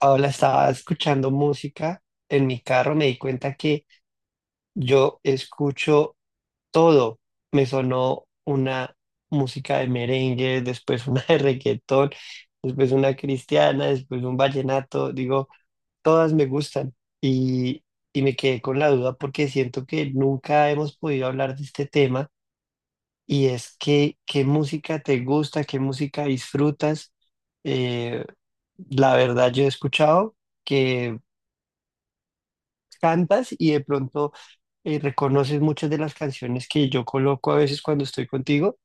Ahora estaba escuchando música en mi carro, me di cuenta que yo escucho todo. Me sonó una música de merengue, después una de reggaetón, después una cristiana, después un vallenato. Digo, todas me gustan. Y, y me quedé con la duda porque siento que nunca hemos podido hablar de este tema. Y es que, ¿qué música te gusta? ¿Qué música disfrutas? Eh, la verdad, yo he escuchado que cantas y de pronto reconoces muchas de las canciones que yo coloco a veces cuando estoy contigo,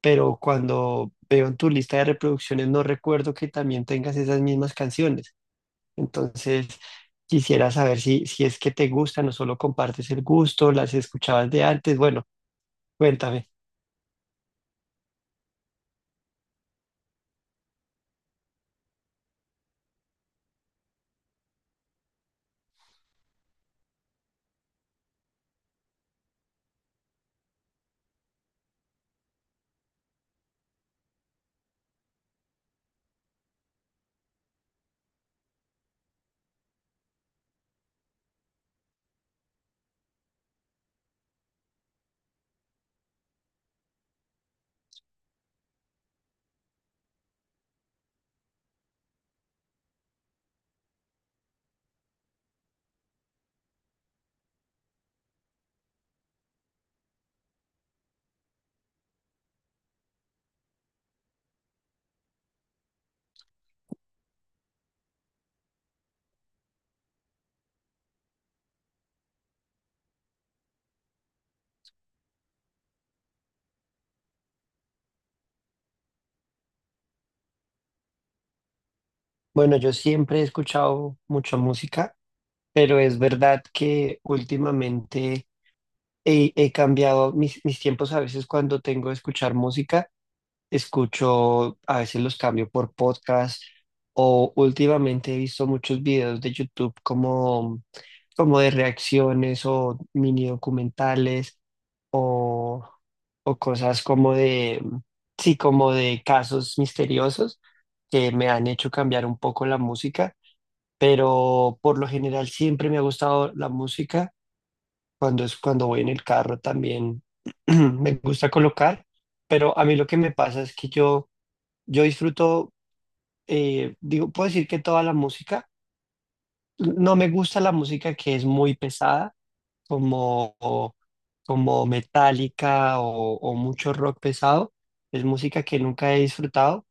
pero cuando veo en tu lista de reproducciones no recuerdo que también tengas esas mismas canciones. Entonces, quisiera saber si es que te gusta, no solo compartes el gusto, las escuchabas de antes. Bueno, cuéntame. Bueno, yo siempre he escuchado mucha música, pero es verdad que últimamente he cambiado mis tiempos a veces cuando tengo que escuchar música. Escucho, a veces los cambio por podcast o últimamente he visto muchos videos de YouTube como, como de reacciones o mini documentales o, o cosas como de, sí, como de casos misteriosos que me han hecho cambiar un poco la música, pero por lo general siempre me ha gustado la música cuando es cuando voy en el carro también me gusta colocar, pero a mí lo que me pasa es que yo disfruto, digo, puedo decir que toda la música, no me gusta la música que es muy pesada, como, como Metallica o mucho rock pesado, es música que nunca he disfrutado,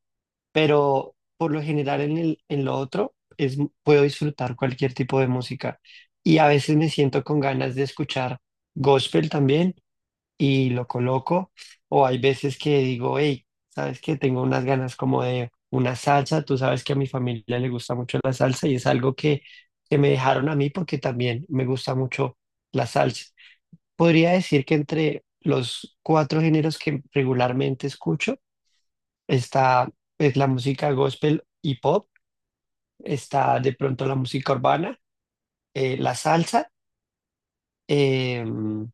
pero por lo general en el, en lo otro es, puedo disfrutar cualquier tipo de música y a veces me siento con ganas de escuchar gospel también y lo coloco. O hay veces que digo, hey, ¿sabes qué? Tengo unas ganas como de una salsa. Tú sabes que a mi familia le gusta mucho la salsa y es algo que me dejaron a mí porque también me gusta mucho la salsa. Podría decir que entre los cuatro géneros que regularmente escucho está pues, la música gospel y pop, está de pronto la música urbana, la salsa. em,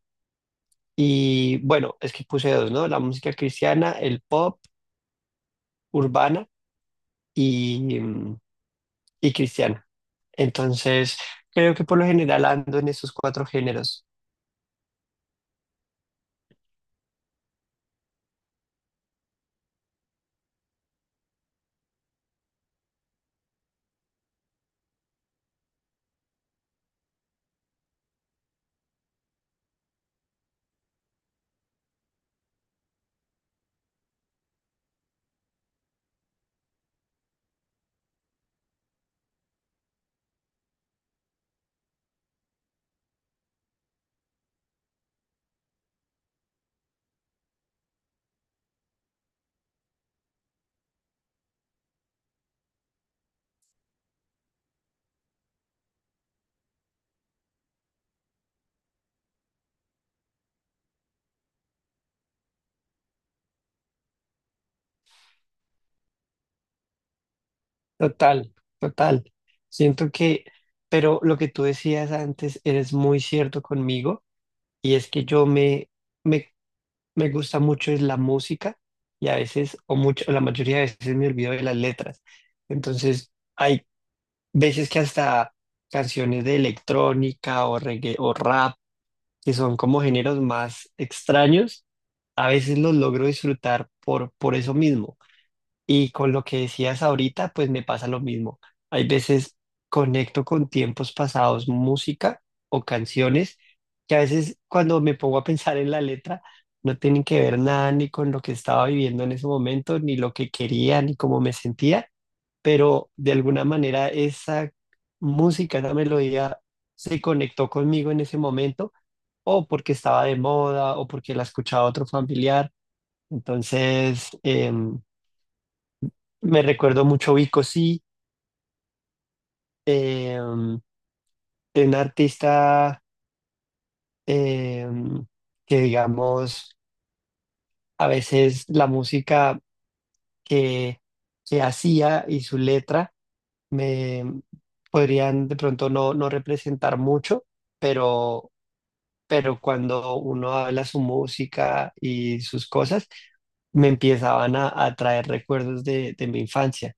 y bueno, es que puse dos, ¿no? La música cristiana, el pop urbana y, y cristiana. Entonces, creo que por lo general ando en esos cuatro géneros. Total, total. Siento que, pero lo que tú decías antes, eres muy cierto conmigo, y es que me, me gusta mucho es la música, y a veces, o mucho, o la mayoría de veces me olvido de las letras. Entonces, hay veces que hasta canciones de electrónica o reggae o rap que son como géneros más extraños, a veces los logro disfrutar por eso mismo. Y con lo que decías ahorita, pues me pasa lo mismo. Hay veces conecto con tiempos pasados, música o canciones que a veces cuando me pongo a pensar en la letra, no tienen que ver nada ni con lo que estaba viviendo en ese momento, ni lo que quería, ni cómo me sentía pero de alguna manera esa música, esa melodía se conectó conmigo en ese momento, o porque estaba de moda, o porque la escuchaba otro familiar. Entonces, me recuerdo mucho Vico Sí, em, de un artista em, que digamos, a veces la música que, que hacía y su letra me podrían de pronto no representar mucho, pero, pero cuando uno habla su música y sus cosas, me empezaban a traer recuerdos de mi infancia.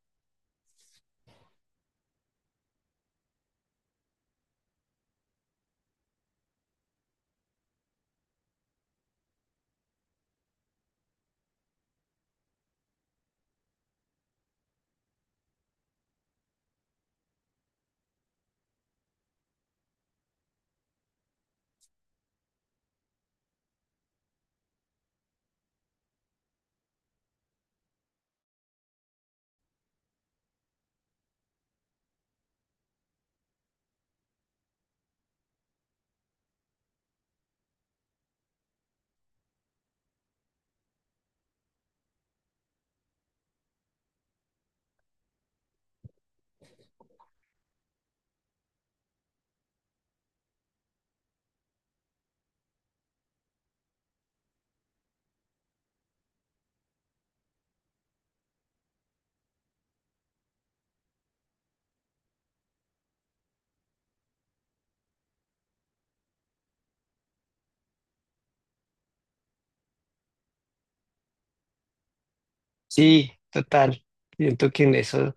Sí, total. Siento que en eso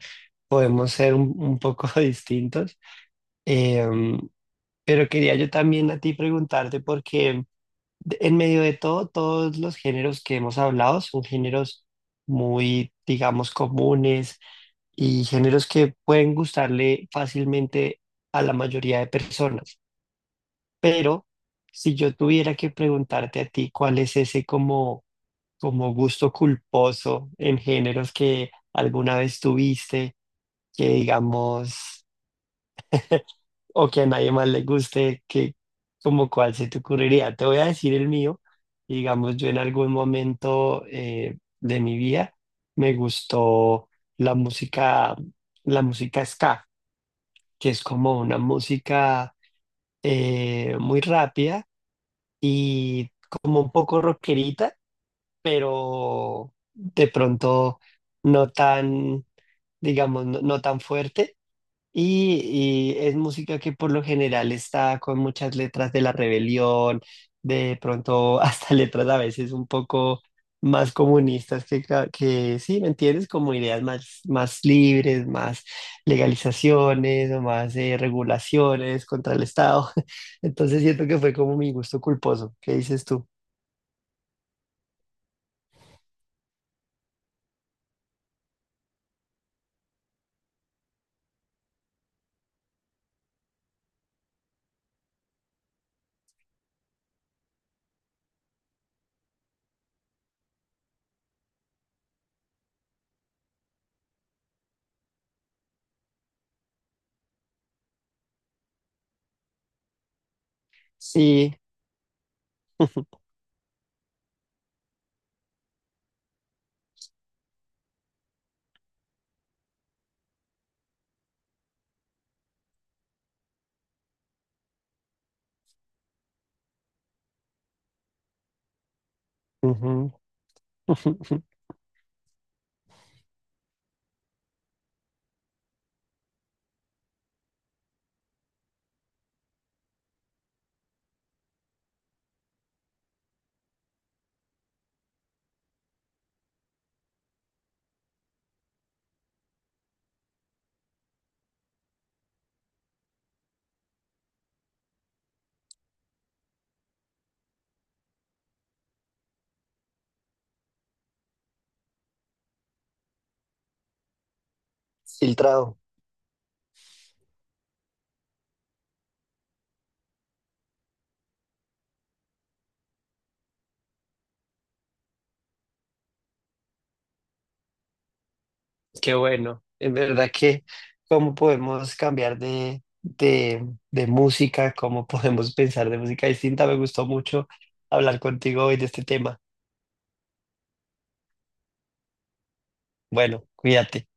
podemos ser un poco distintos. Em, pero quería yo también a ti preguntarte porque En medio de todo, todos los géneros que hemos hablado son géneros muy, digamos, comunes y géneros que pueden gustarle fácilmente a la mayoría de personas. Pero si yo tuviera que preguntarte a ti cuál es ese como, como gusto culposo en géneros que alguna vez tuviste, que digamos... o que a nadie más le guste, que como cuál se te ocurriría. Te voy a decir el mío. Digamos, yo en algún momento de mi vida me gustó la música, la música ska, que es como una música muy rápida y como un poco rockerita, pero de pronto no tan, digamos, no tan fuerte y es música que por lo general está con muchas letras de la rebelión, de pronto hasta letras a veces un poco más comunistas que, que sí, ¿me entiendes? Como ideas más, más libres, más legalizaciones o más regulaciones contra el Estado. Entonces siento que fue como mi gusto culposo. ¿Qué dices tú? Sí. Ujú. Filtrado. Qué bueno, en verdad que cómo podemos cambiar de música, cómo podemos pensar de música distinta. Me gustó mucho hablar contigo hoy de este tema. Bueno, cuídate.